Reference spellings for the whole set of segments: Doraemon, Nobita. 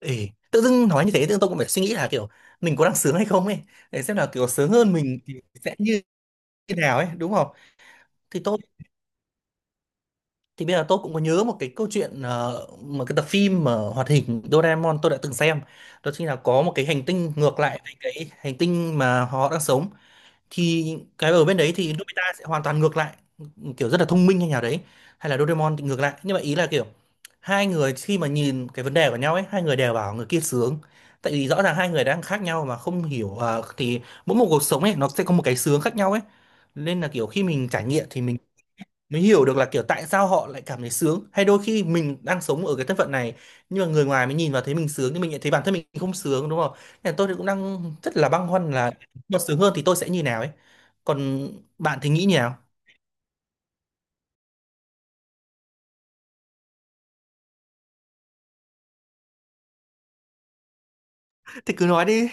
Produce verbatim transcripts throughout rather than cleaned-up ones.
Ê, tự dưng nói như thế tự dưng tôi cũng phải suy nghĩ là kiểu mình có đang sướng hay không ấy, để xem là kiểu sướng hơn mình thì sẽ như thế nào ấy đúng không. Thì tôi thì bây giờ tôi cũng có nhớ một cái câu chuyện, ờ, một cái tập phim mà hoạt hình Doraemon tôi đã từng xem, đó chính là có một cái hành tinh ngược lại với cái hành tinh mà họ đang sống. Thì cái ở bên đấy thì Nobita sẽ hoàn toàn ngược lại, kiểu rất là thông minh hay nào đấy, hay là Doraemon thì ngược lại, nhưng mà ý là kiểu hai người khi mà nhìn cái vấn đề của nhau ấy hai người đều bảo người kia sướng, tại vì rõ ràng hai người đang khác nhau mà không hiểu à, thì mỗi một cuộc sống ấy nó sẽ có một cái sướng khác nhau ấy. Nên là kiểu khi mình trải nghiệm thì mình mới hiểu được là kiểu tại sao họ lại cảm thấy sướng, hay đôi khi mình đang sống ở cái thân phận này nhưng mà người ngoài mới nhìn vào thấy mình sướng nhưng mình lại thấy bản thân mình không sướng, đúng không. Nên là tôi thì cũng đang rất là băn khoăn là mà sướng hơn thì tôi sẽ như nào ấy, còn bạn thì nghĩ như nào, thì cứ nói đi.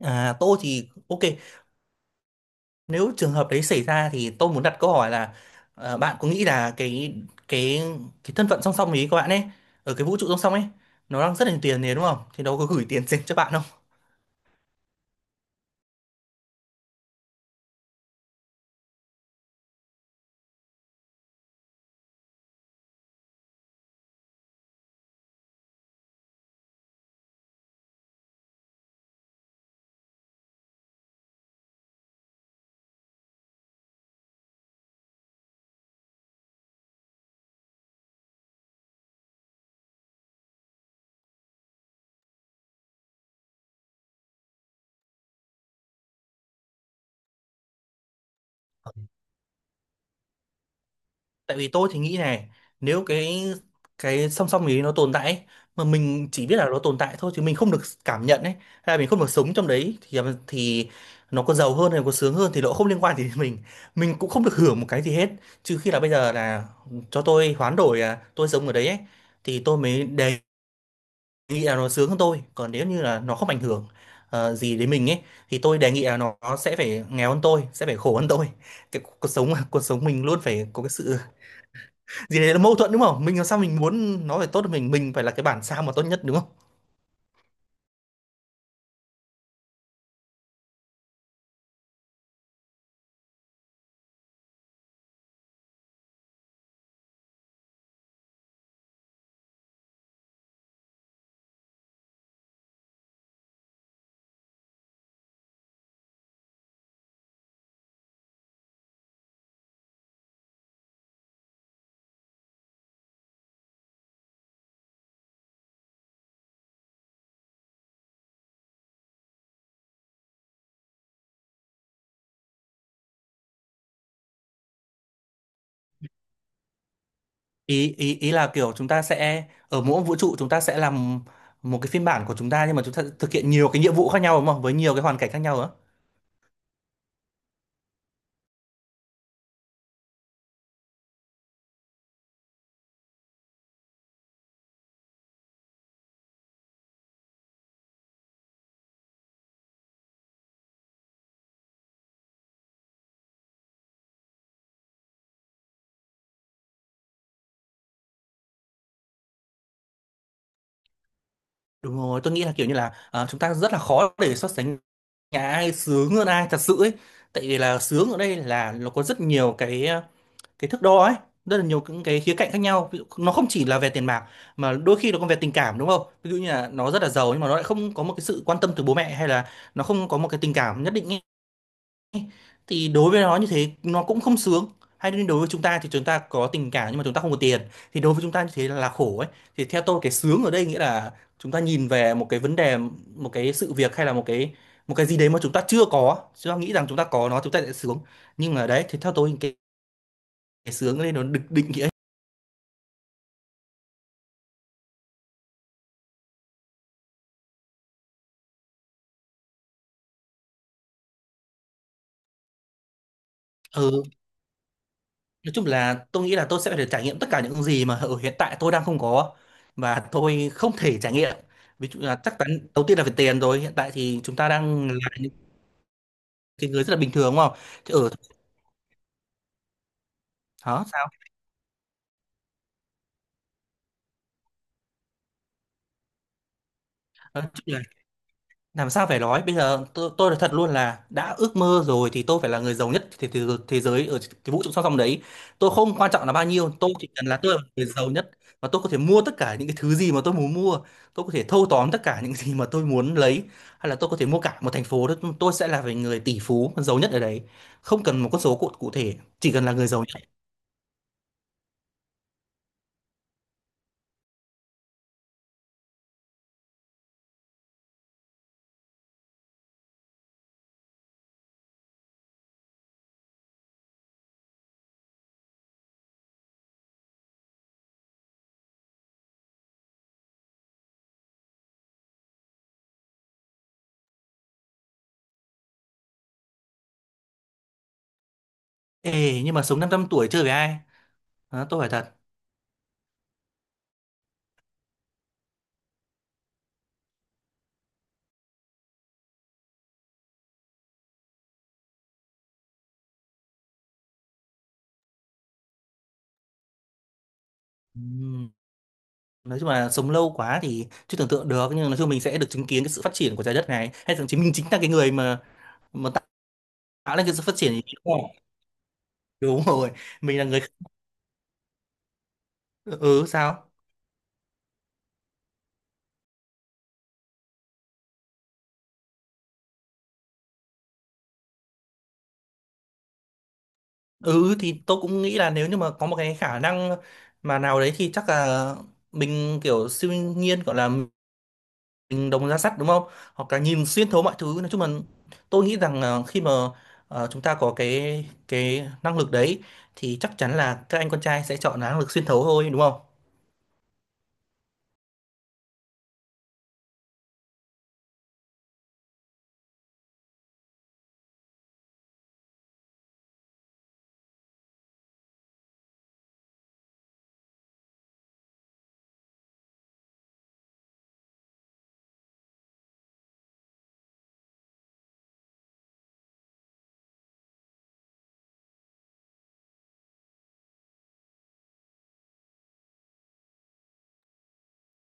à, Tôi thì ô kê, nếu trường hợp đấy xảy ra thì tôi muốn đặt câu hỏi là, à, bạn có nghĩ là cái cái cái thân phận song song ấy, các bạn ấy ở cái vũ trụ song song ấy, nó đang rất là nhiều tiền này đúng không, thì nó có gửi tiền dành cho bạn. Tại vì tôi thì nghĩ này, nếu cái cái song song ấy nó tồn tại ấy, mà mình chỉ biết là nó tồn tại thôi chứ mình không được cảm nhận ấy, hay là mình không được sống trong đấy thì thì nó có giàu hơn hay có sướng hơn thì nó không liên quan gì đến mình mình cũng không được hưởng một cái gì hết. Trừ khi là bây giờ là cho tôi hoán đổi là tôi sống ở đấy ấy, thì tôi mới đề nghị là nó sướng hơn tôi, còn nếu như là nó không ảnh hưởng ờ, gì đến mình ấy thì tôi đề nghị là nó, nó sẽ phải nghèo hơn tôi, sẽ phải khổ hơn tôi. Cái cuộc sống cuộc sống mình luôn phải có cái sự gì đấy là mâu thuẫn đúng không, mình làm sao mình muốn nó phải tốt hơn mình mình phải là cái bản sao mà tốt nhất đúng không. Ý ý ý là kiểu chúng ta sẽ ở mỗi vũ trụ chúng ta sẽ làm một cái phiên bản của chúng ta, nhưng mà chúng ta thực hiện nhiều cái nhiệm vụ khác nhau đúng không, với nhiều cái hoàn cảnh khác nhau đó. Đúng rồi, tôi nghĩ là kiểu như là, à, chúng ta rất là khó để so sánh nhà ai sướng hơn ai thật sự ấy. Tại vì là sướng ở đây là nó có rất nhiều cái cái thước đo ấy, rất là nhiều những cái khía cạnh khác nhau, ví dụ, nó không chỉ là về tiền bạc mà đôi khi nó còn về tình cảm đúng không, ví dụ như là nó rất là giàu nhưng mà nó lại không có một cái sự quan tâm từ bố mẹ, hay là nó không có một cái tình cảm nhất định ấy. Thì đối với nó như thế nó cũng không sướng hay, nên đối với chúng ta thì chúng ta có tình cảm nhưng mà chúng ta không có tiền thì đối với chúng ta như thế là khổ ấy. Thì theo tôi cái sướng ở đây nghĩa là chúng ta nhìn về một cái vấn đề, một cái sự việc, hay là một cái một cái gì đấy mà chúng ta chưa có, chúng ta nghĩ rằng chúng ta có nó chúng ta sẽ sướng, nhưng mà đấy thì theo tôi cái, cái sướng ở đây nó được định nghĩa. Ừ. Nói chung là tôi nghĩ là tôi sẽ phải được trải nghiệm tất cả những gì mà ở hiện tại tôi đang không có và tôi không thể trải nghiệm. Ví dụ là chắc chắn đầu tiên là về tiền rồi, hiện tại thì chúng ta đang là những cái người rất là bình thường đúng không? Chứ ở đó sao? Làm sao phải nói bây giờ tôi, tôi nói thật luôn là đã ước mơ rồi thì tôi phải là người giàu nhất thế, thế, thế giới ở cái vũ trụ song song đấy. Tôi không quan trọng là bao nhiêu, tôi chỉ cần là tôi là người giàu nhất, và tôi có thể mua tất cả những cái thứ gì mà tôi muốn mua, tôi có thể thâu tóm tất cả những gì mà tôi muốn lấy, hay là tôi có thể mua cả một thành phố đó, tôi sẽ là về người tỷ phú giàu nhất ở đấy, không cần một con số cụ, cụ thể, chỉ cần là người giàu nhất. Ê, nhưng mà sống năm trăm tuổi chơi với ai. Đó, tôi phải thật. Ừm. Nói chung là sống lâu quá thì chưa tưởng tượng được, nhưng nói chung mình sẽ được chứng kiến cái sự phát triển của trái đất này, hay thậm chí mình chính là cái người mà mà tạo nên cái sự phát triển thì đúng rồi. Đúng rồi. Mình là người. Ừ sao. Ừ thì tôi cũng nghĩ là nếu như mà có một cái khả năng mà nào đấy thì chắc là mình kiểu siêu nhiên, gọi là mình đồng ra sắt đúng không, hoặc là nhìn xuyên thấu mọi thứ, nói chung là tôi nghĩ rằng là khi mà ờ, chúng ta có cái cái năng lực đấy thì chắc chắn là các anh con trai sẽ chọn năng lực xuyên thấu thôi đúng không.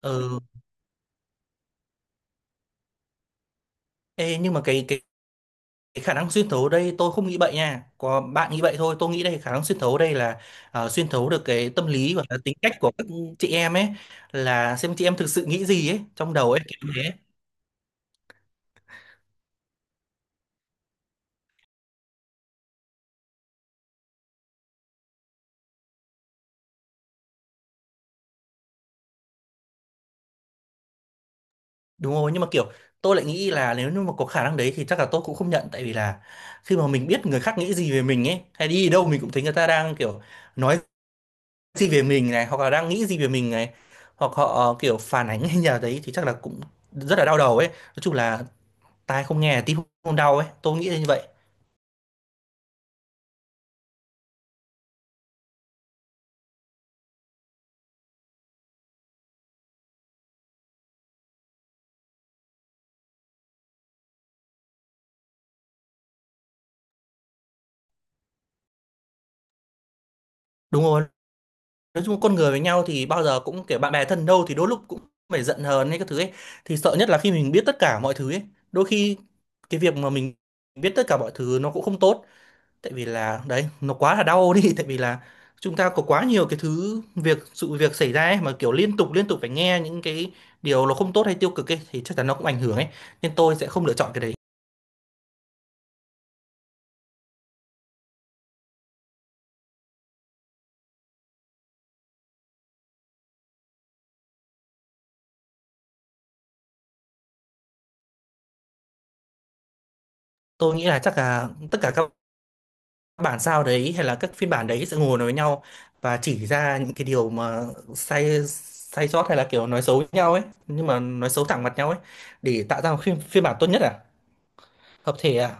Ừ. Ê, nhưng mà cái, cái cái khả năng xuyên thấu ở đây tôi không nghĩ vậy nha. Có bạn nghĩ vậy thôi, tôi nghĩ đây khả năng xuyên thấu ở đây là, ờ, xuyên thấu được cái tâm lý và tính cách của các chị em ấy, là xem chị em thực sự nghĩ gì ấy trong đầu ấy, kiểu thế. Đúng rồi, nhưng mà kiểu tôi lại nghĩ là nếu như mà có khả năng đấy thì chắc là tôi cũng không nhận, tại vì là khi mà mình biết người khác nghĩ gì về mình ấy, hay đi đâu mình cũng thấy người ta đang kiểu nói gì về mình này, hoặc là đang nghĩ gì về mình này, hoặc họ ờ, kiểu phản ánh hay nhà đấy thì chắc là cũng rất là đau đầu ấy, nói chung là tai không nghe là tim không đau ấy, tôi nghĩ là như vậy. Đúng rồi, nói chung con người với nhau thì bao giờ cũng kiểu bạn bè thân đâu thì đôi lúc cũng phải giận hờn hay các thứ ấy. Thì sợ nhất là khi mình biết tất cả mọi thứ ấy, đôi khi cái việc mà mình biết tất cả mọi thứ nó cũng không tốt, tại vì là đấy, nó quá là đau đi, tại vì là chúng ta có quá nhiều cái thứ việc sự việc xảy ra ấy, mà kiểu liên tục liên tục phải nghe những cái điều nó không tốt hay tiêu cực ấy thì chắc chắn nó cũng ảnh hưởng ấy. Nên tôi sẽ không lựa chọn cái đấy. Tôi nghĩ là chắc là tất cả các bản sao đấy hay là các phiên bản đấy sẽ ngồi nói với nhau và chỉ ra những cái điều mà sai sai sót, hay là kiểu nói xấu với nhau ấy, nhưng mà nói xấu thẳng mặt nhau ấy, để tạo ra một phiên, phiên bản tốt nhất à. Hợp thể à.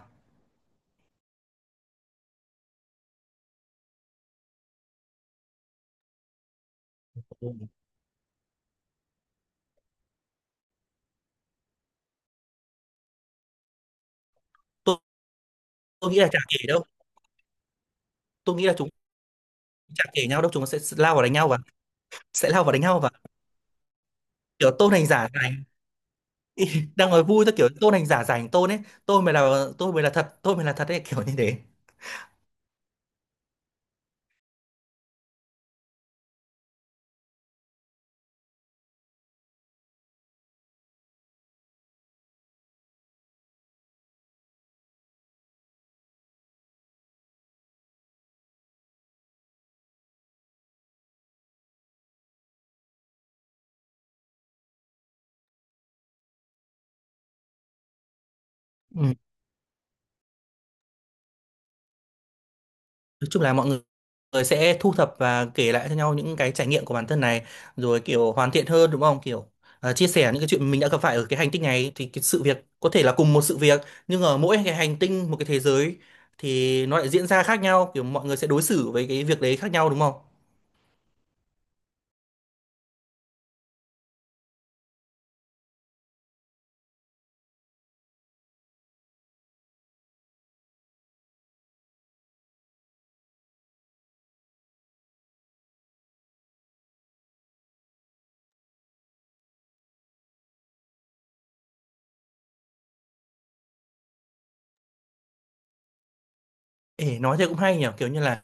Ừ. tôi, tôi nghĩ là chả kể đâu, tôi nghĩ là chúng chả kể nhau đâu, chúng sẽ lao vào đánh nhau và sẽ lao vào đánh nhau và kiểu tôn hành giả rảnh. Ý, đang nói vui, tôi kiểu tôn hành giả rảnh tôn ấy, tôi mới là tôi mới là thật, tôi mới là thật ấy, kiểu như thế. Ừ. Nói chung là mọi người sẽ thu thập và kể lại cho nhau những cái trải nghiệm của bản thân này, rồi kiểu hoàn thiện hơn đúng không? Kiểu ờ, chia sẻ những cái chuyện mình đã gặp phải ở cái hành tinh này, thì cái sự việc có thể là cùng một sự việc, nhưng ở mỗi cái hành tinh, một cái thế giới, thì nó lại diễn ra khác nhau, kiểu mọi người sẽ đối xử với cái việc đấy khác nhau đúng không? Ê, nói thế cũng hay nhỉ, kiểu như là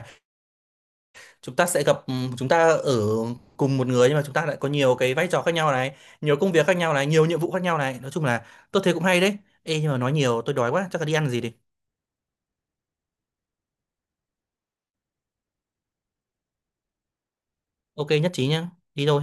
chúng ta sẽ gặp ừm, chúng ta ở cùng một người, nhưng mà chúng ta lại có nhiều cái vai trò khác nhau này, nhiều công việc khác nhau này, nhiều nhiệm vụ khác nhau này, nói chung là tôi thấy cũng hay đấy. Ê, nhưng mà nói nhiều tôi đói quá, chắc là đi ăn gì đi. ô kê, nhất trí nhá. Đi thôi.